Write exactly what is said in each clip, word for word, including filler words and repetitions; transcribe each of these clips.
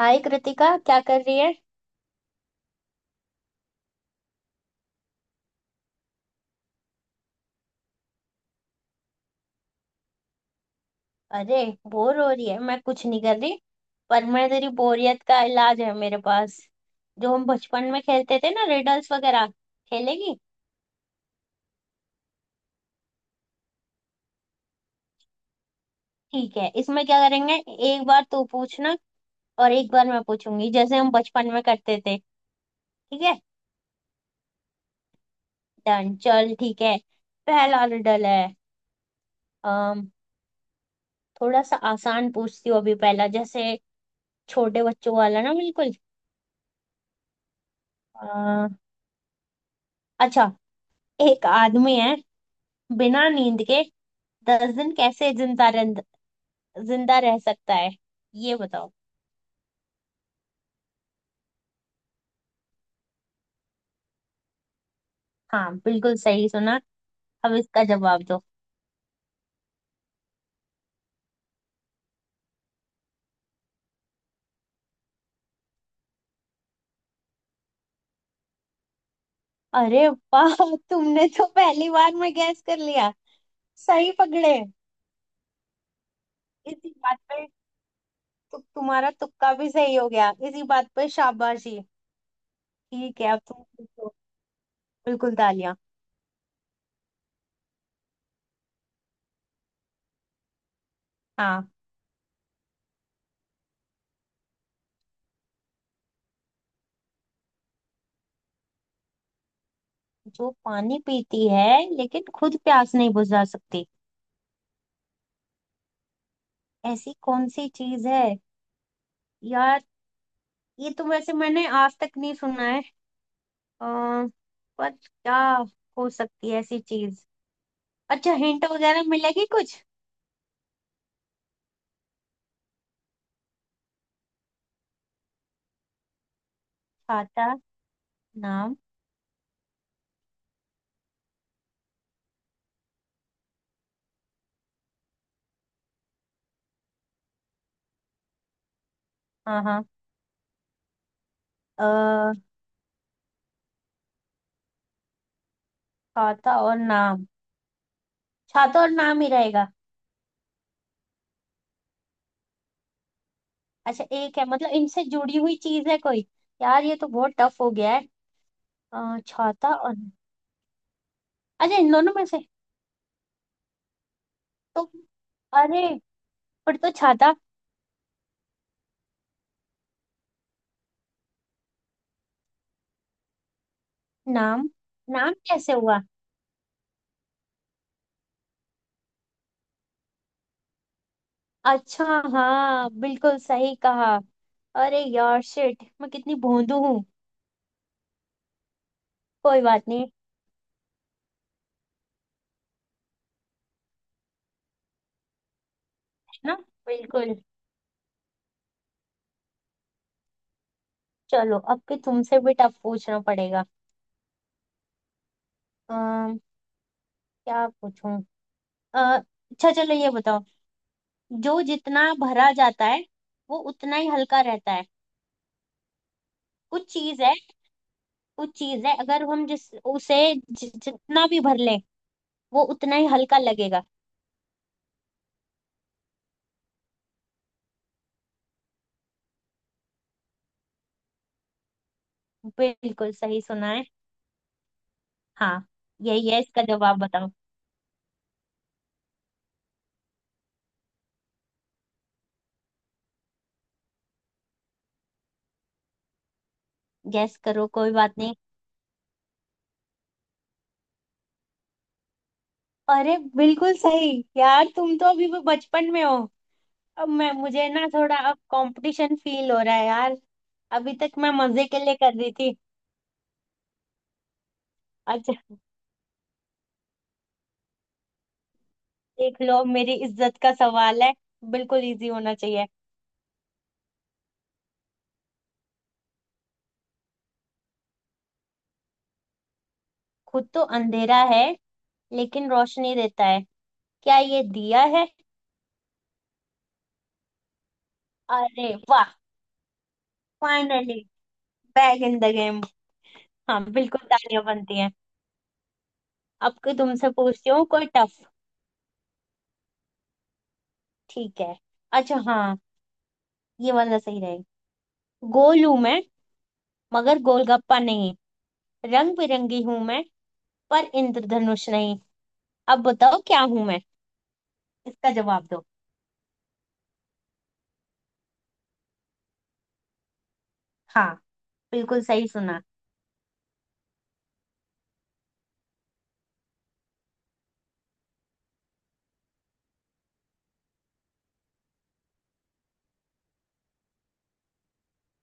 हाय कृतिका, क्या कर रही है। अरे बोर हो रही है, मैं कुछ नहीं कर रही। पर मैं तेरी बोरियत का इलाज है मेरे पास। जो हम बचपन में खेलते थे ना, रिडल्स वगैरह, खेलेगी। ठीक है, इसमें क्या करेंगे, एक बार तू पूछना और एक बार मैं पूछूंगी, जैसे हम बचपन में करते थे। ठीक है। डन, चल ठीक है। पहला रिडल है। अम थोड़ा सा आसान पूछती हूँ अभी, पहला जैसे छोटे बच्चों वाला ना, बिल्कुल। अ, अच्छा, एक आदमी है, बिना नींद के दस दिन कैसे जिंदा रह जिंदा रह सकता है, ये बताओ। हाँ, बिल्कुल सही सुना। अब इसका जवाब दो। अरे वाह, तुमने तो पहली बार में गैस कर लिया। सही पकड़े। इसी बात पे, तु, तुम्हारा तुक्का भी सही हो गया, इसी बात पे शाबाशी। ठीक है, अब तुम पूछो। बिल्कुल तालियां। हाँ। जो पानी पीती है लेकिन खुद प्यास नहीं बुझा सकती, ऐसी कौन सी चीज है। यार ये तो वैसे मैंने आज तक नहीं सुना है। अम, पर क्या हो सकती है ऐसी चीज। अच्छा, हिंट वगैरह मिलेगी कुछ। खाता, नाम। हाँ हाँ। अ, खाता और नाम। खाता और नाम ही रहेगा। अच्छा एक है, मतलब इनसे जुड़ी हुई चीज है कोई। यार ये तो बहुत टफ हो गया है। अ, छाता और। अच्छा, इन दोनों में से तो अरे, पर तो छाता। नाम। नाम कैसे हुआ। अच्छा, हाँ बिल्कुल सही कहा। अरे यार शिट, मैं कितनी भोंदू हूँ। कोई बात नहीं। ना, बिल्कुल। चलो, अब भी तुमसे भी टफ पूछना पड़ेगा। अम, क्या पूछूं। अ, अच्छा, चलो ये बताओ। जो जितना भरा जाता है वो उतना ही हल्का रहता है। कुछ चीज है, कुछ चीज है, अगर हम जिस उसे जि, जितना भी भर लें वो उतना ही हल्का लगेगा। बिल्कुल सही सुना है। हाँ, यही है, इसका जवाब बताओ। गैस करो, कोई बात नहीं। अरे बिल्कुल सही, यार तुम तो अभी भी बचपन में हो। अब मैं मुझे ना थोड़ा अब कंपटीशन फील हो रहा है यार। अभी तक मैं मजे के लिए कर रही थी। अच्छा, देख लो मेरी इज्जत का सवाल है, बिल्कुल इजी होना चाहिए। खुद तो अंधेरा है लेकिन रोशनी देता है, क्या ये दिया है। अरे वाह, finally back in the game. हाँ, बिल्कुल तालियां बनती हैं। अब कोई तुमसे पूछती हूँ कोई टफ। ठीक है, अच्छा हाँ ये वाला सही रहेगा। गोल हूं मैं मगर गोलगप्पा नहीं, रंग बिरंगी हूं मैं पर इंद्रधनुष नहीं, अब बताओ क्या हूं मैं, इसका जवाब दो। हाँ, बिल्कुल सही सुना।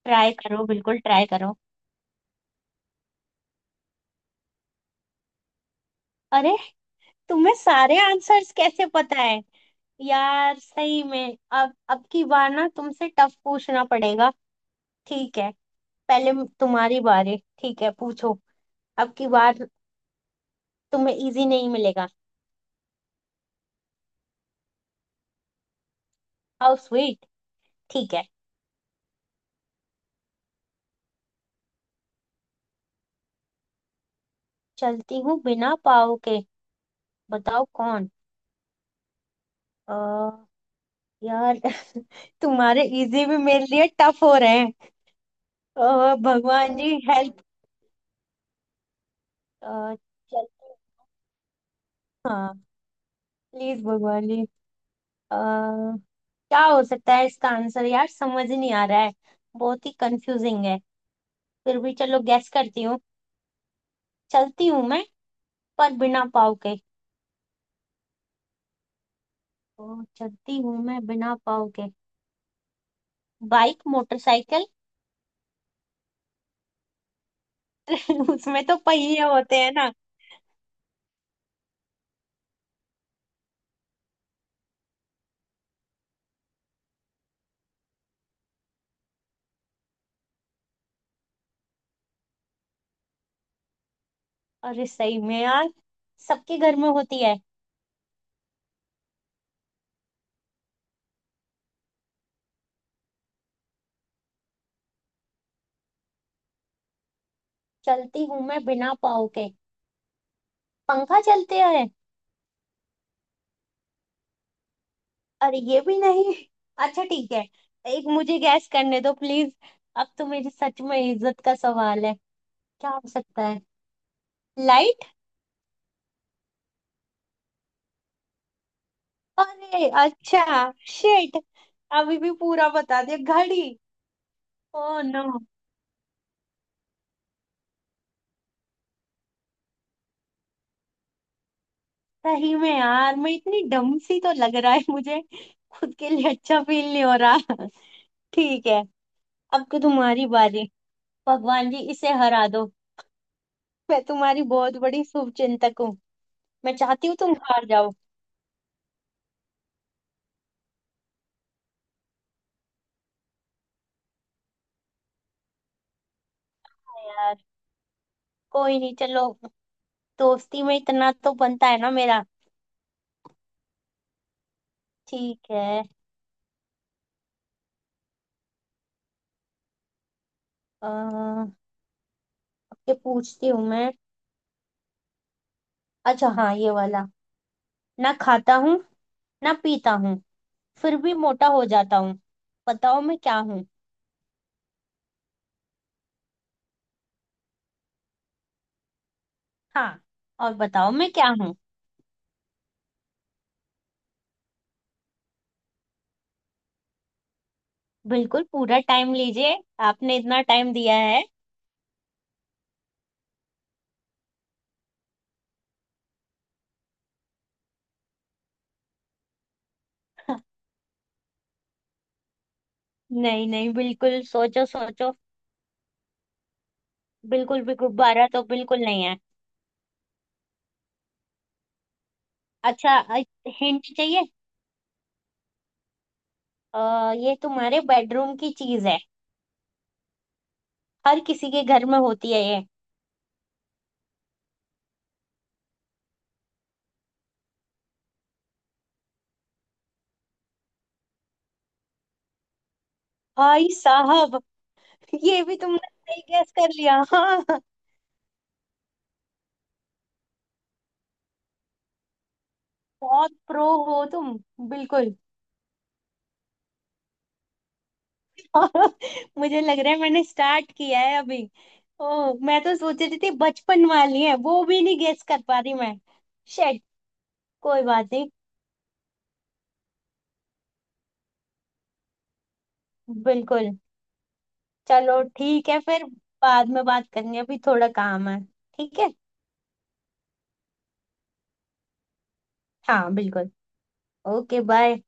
ट्राई करो, बिल्कुल ट्राई करो। अरे तुम्हें सारे आंसर्स कैसे पता है। यार सही में, अब अब की बार ना तुमसे टफ पूछना पड़ेगा। ठीक है, पहले म- तुम्हारी बारी, ठीक है पूछो, अब की बार तुम्हें इजी नहीं मिलेगा। हाउ स्वीट, ठीक है। चलती हूँ बिना पाँव के, बताओ कौन। अ यार तुम्हारे इजी भी मेरे लिए टफ हो रहे हैं। अ, भगवान जी हेल्प। चलती, हाँ। प्लीज भगवान जी। अ, क्या हो सकता है इसका आंसर, यार समझ ही नहीं आ रहा है, बहुत ही कंफ्यूजिंग है। फिर भी चलो गैस करती हूँ, चलती हूँ मैं पर बिना पाँव के। ओ, चलती हूँ मैं बिना पाँव के, बाइक, मोटरसाइकिल। उसमें तो पहिए होते हैं ना। अरे सही में यार, सबके घर में होती है। चलती हूँ मैं बिना पाँव के, पंखा, चलते हैं। अरे ये भी नहीं। अच्छा ठीक है, एक मुझे गैस करने दो प्लीज, अब तो मेरी सच में इज्जत का सवाल है। क्या हो सकता है, लाइट। अरे अच्छा शिट, अभी भी पूरा बता दिया, घड़ी। ओ नो, सही में यार, मैं इतनी डम सी, तो लग रहा है मुझे, खुद के लिए अच्छा फील नहीं हो रहा। ठीक है, अब तो तुम्हारी बारी। भगवान जी इसे हरा दो, मैं तुम्हारी बहुत बड़ी शुभचिंतक हूँ, मैं चाहती हूँ तुम हार जाओ। हाँ यार, कोई नहीं चलो, दोस्ती में इतना तो बनता है ना मेरा। ठीक है। अः पूछती हूँ मैं, अच्छा हाँ ये वाला। ना खाता हूँ, ना पीता हूँ, फिर भी मोटा हो जाता हूँ, बताओ मैं क्या हूँ। हाँ, और बताओ मैं क्या हूँ। बिल्कुल पूरा टाइम लीजिए, आपने इतना टाइम दिया है। नहीं नहीं, बिल्कुल सोचो सोचो। बिल्कुल भी गुब्बारा तो बिल्कुल नहीं है। अच्छा, हिंट चाहिए। आ, ये तुम्हारे बेडरूम की चीज है, हर किसी के घर में होती है ये। भाई साहब, ये भी तुमने सही गैस कर लिया। हाँ, बहुत प्रो हो तुम, बिल्कुल। मुझे लग रहा है मैंने स्टार्ट किया है अभी। ओह, मैं तो सोच रही थी बचपन वाली है, वो भी नहीं गेस कर पा रही मैं। शेट, कोई बात नहीं। बिल्कुल, चलो ठीक है फिर, बाद में बात करेंगे, अभी थोड़ा काम है। ठीक है। हाँ बिल्कुल। Okay bye.